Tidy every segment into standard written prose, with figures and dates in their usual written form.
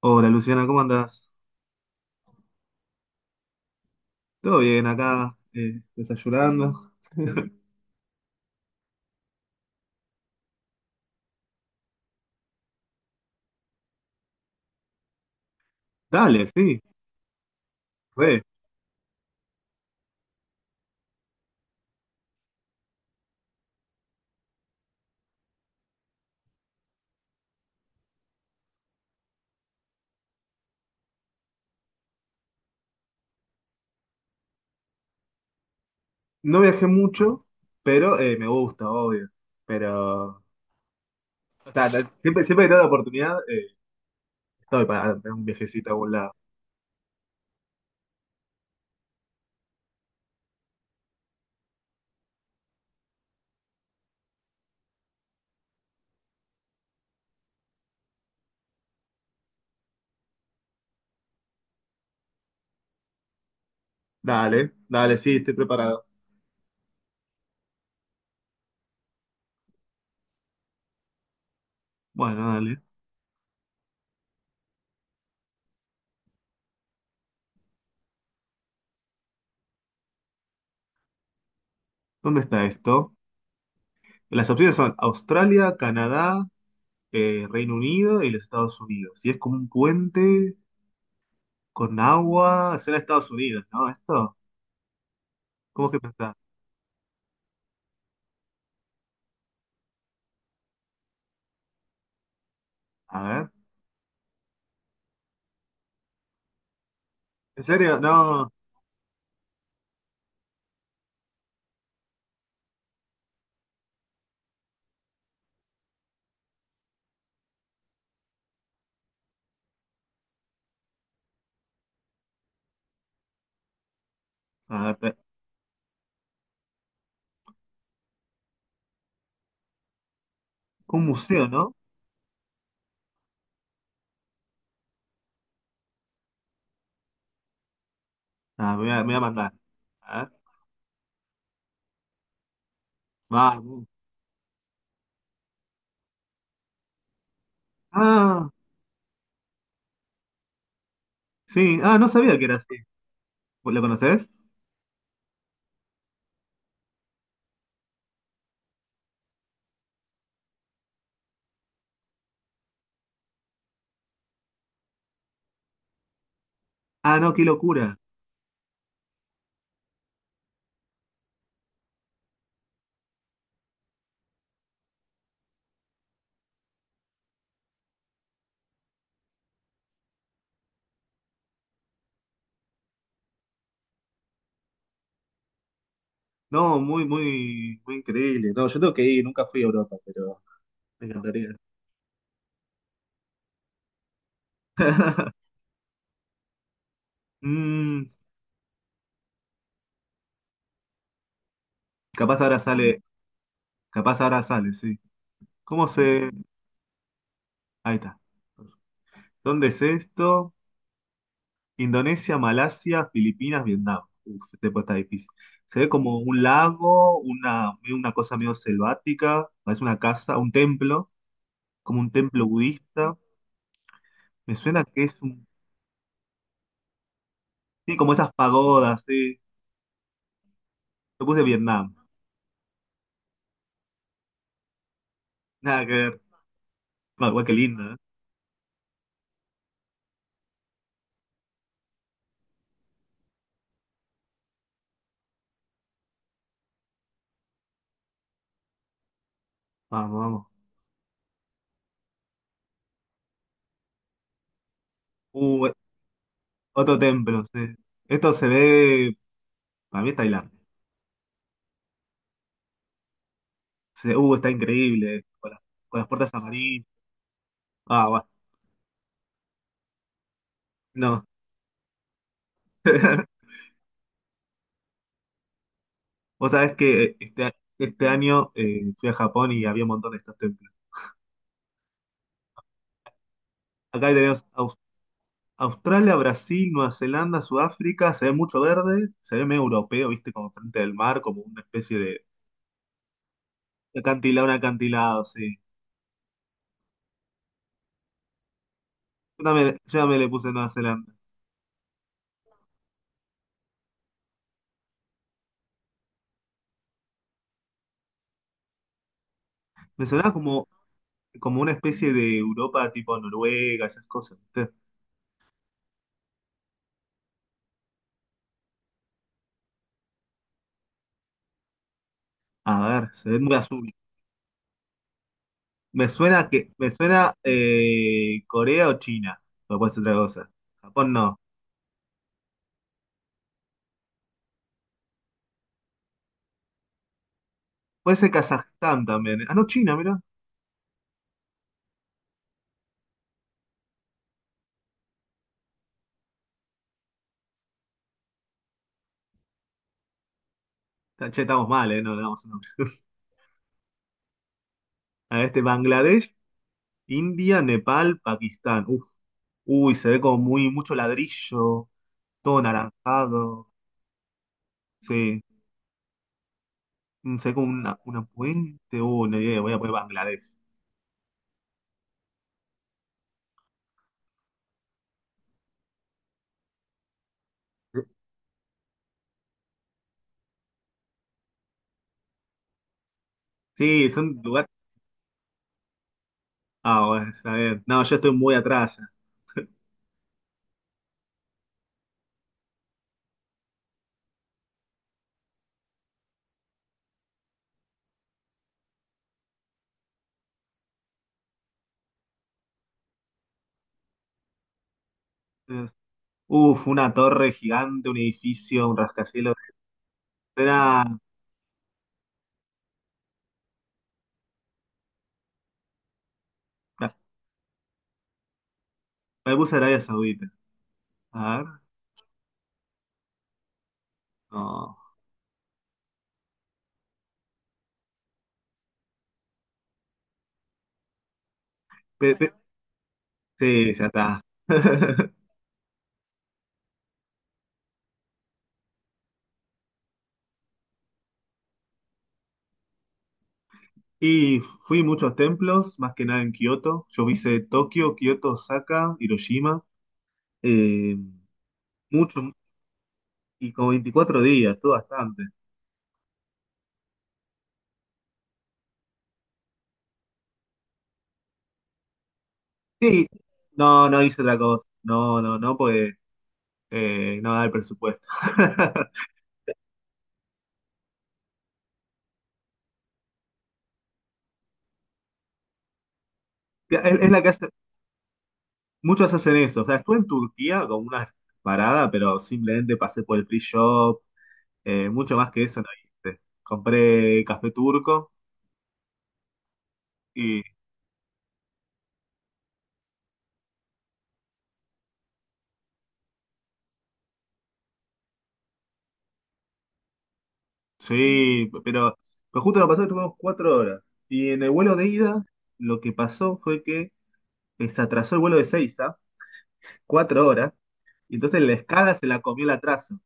Hola Luciana, ¿cómo andás? Todo bien acá, desayunando. Dale, sí, re. No viajé mucho, pero me gusta, obvio. Pero siempre, siempre que tengo la oportunidad, estoy para un viajecito a algún lado. Dale, dale, sí, estoy preparado. Bueno, dale. ¿Dónde está esto? Las opciones son Australia, Canadá, Reino Unido y los Estados Unidos. Si es como un puente con agua, será Estados Unidos, ¿no? Esto, ¿cómo es que pensás? A ver. ¿En serio? No. A ver, un museo, ¿no? Ah, me voy a mandar. A ver. Vamos. Ah, sí. Ah, no sabía que era así. ¿Lo conoces? Ah, no, qué locura. No, muy, muy, muy increíble. No, yo tengo que ir, nunca fui a Europa, pero me encantaría. Mm, capaz ahora sale, capaz ahora sale, sí. ¿Cómo se...? Ahí está. ¿Dónde es esto? Indonesia, Malasia, Filipinas, Vietnam. Uf, este puesto está difícil. Se ve como un lago, una, medio una cosa medio selvática, parece una casa, un templo, como un templo budista. Me suena que es un... Sí, como esas pagodas, sí. Yo puse Vietnam. Nada que ver. Ah, igual que lindo, ¿eh? Vamos, vamos. Uh, eh, otro templo, sí. Esto se ve... Para mí es Tailandia. Está increíble. Con las puertas amarillas. Ah, bueno. No. Vos sabés que este año fui a Japón y había un montón de estos templos. Acá tenemos Aus- Australia, Brasil, Nueva Zelanda, Sudáfrica, se ve mucho verde, se ve medio europeo, viste, como frente del mar, como una especie de acantilado, un acantilado, sí. Yo también le puse Nueva Zelanda. Me sonaba como, como una especie de Europa tipo Noruega, esas cosas, ¿viste? A ver, se ve muy azul. Me suena Corea o China, pero puede ser otra cosa. Japón no. Puede ser Kazajstán también. ¿Eh? Ah, no, China, mira. Che, estamos mal, ¿eh? No le damos un nombre. A este Bangladesh, India, Nepal, Pakistán. Uf. Uy, se ve como muy mucho ladrillo, todo naranjado. Sí. Mm, se ve como una puente. No idea, voy a poner Bangladesh. Sí, son lugares. Ah, bueno, está bien. No, yo estoy muy atrás. Eh, Uf, una torre gigante, un edificio, un rascacielos. Era. Me puse Arabia Saudita. A ver. No. Pe- pe- sí, ya está. Y fui a muchos templos, más que nada en Kioto. Yo hice Tokio, Kioto, Osaka, Hiroshima. eh, mucho, y como 24 días, todo bastante. Sí, no, no hice otra cosa. No, no, no, porque no da el presupuesto. Es la que hace- muchos hacen eso. O sea, estuve en Turquía con una parada, pero simplemente pasé por el free shop. Mucho más que eso no hice. Compré café turco. Sí, pero justo lo pasó que tuvimos 4 horas. Y en el vuelo de ida, lo que pasó fue que se atrasó el vuelo de Seiza, 4 horas, y entonces la escala se la comió el atraso.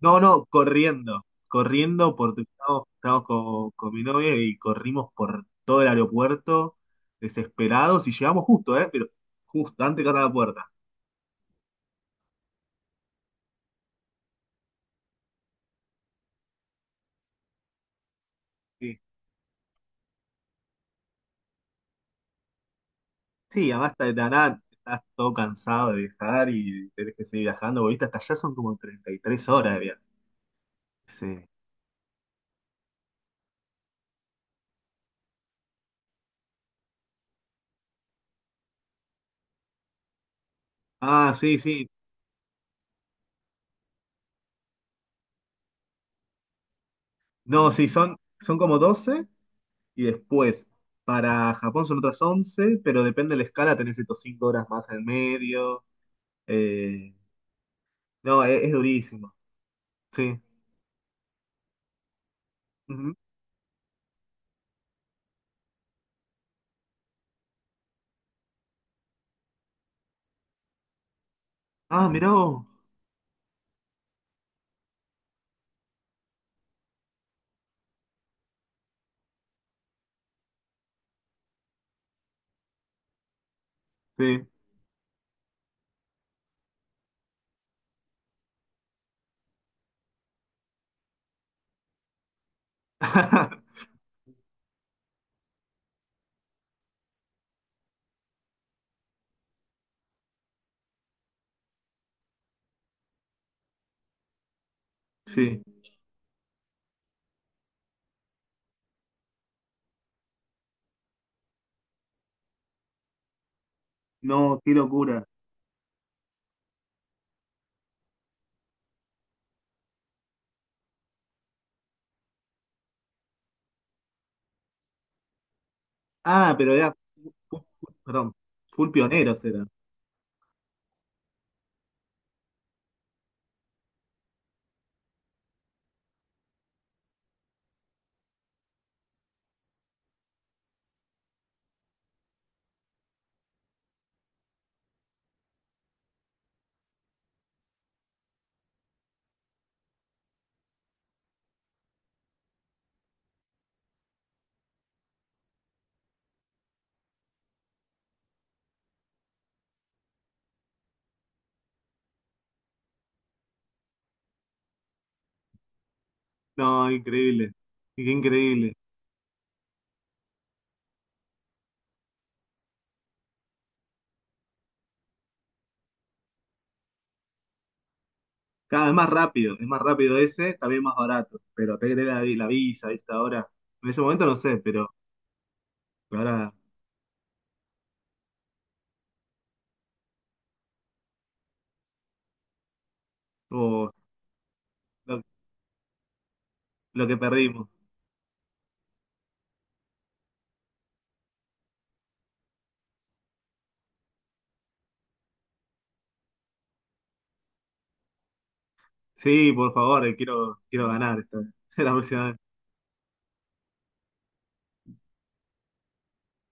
No, no, corriendo, corriendo porque estábamos con mi novia y corrimos por todo el aeropuerto desesperados y llegamos justo, ¿eh? Pero justo, antes de cerrar la puerta. Sí, sí, además de la nada, estás todo cansado de viajar y tenés que seguir viajando, porque viste, hasta allá son como 33 horas de viaje. Sí. Ah, sí, sí. No, sí, son como 12 y después para Japón son otras 11, pero depende de la escala, tenés estos 5 horas más en el medio. Eh, no, es durísimo. Sí. Ujú. Ah, mirá vos. Sí. Sí. No, qué locura. Ah, pero ya, perdón, full pioneros era. No, increíble. Qué increíble. Cada vez más rápido, es más rápido ese, también más barato. Pero te que la, la visa, ¿viste? Ahora, en ese momento no sé, pero ahora, oh, lo, lo que perdimos. Sí, por favor, quiero, quiero ganar esta, la próxima vez.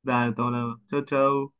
Dale, toma la Chau, chau.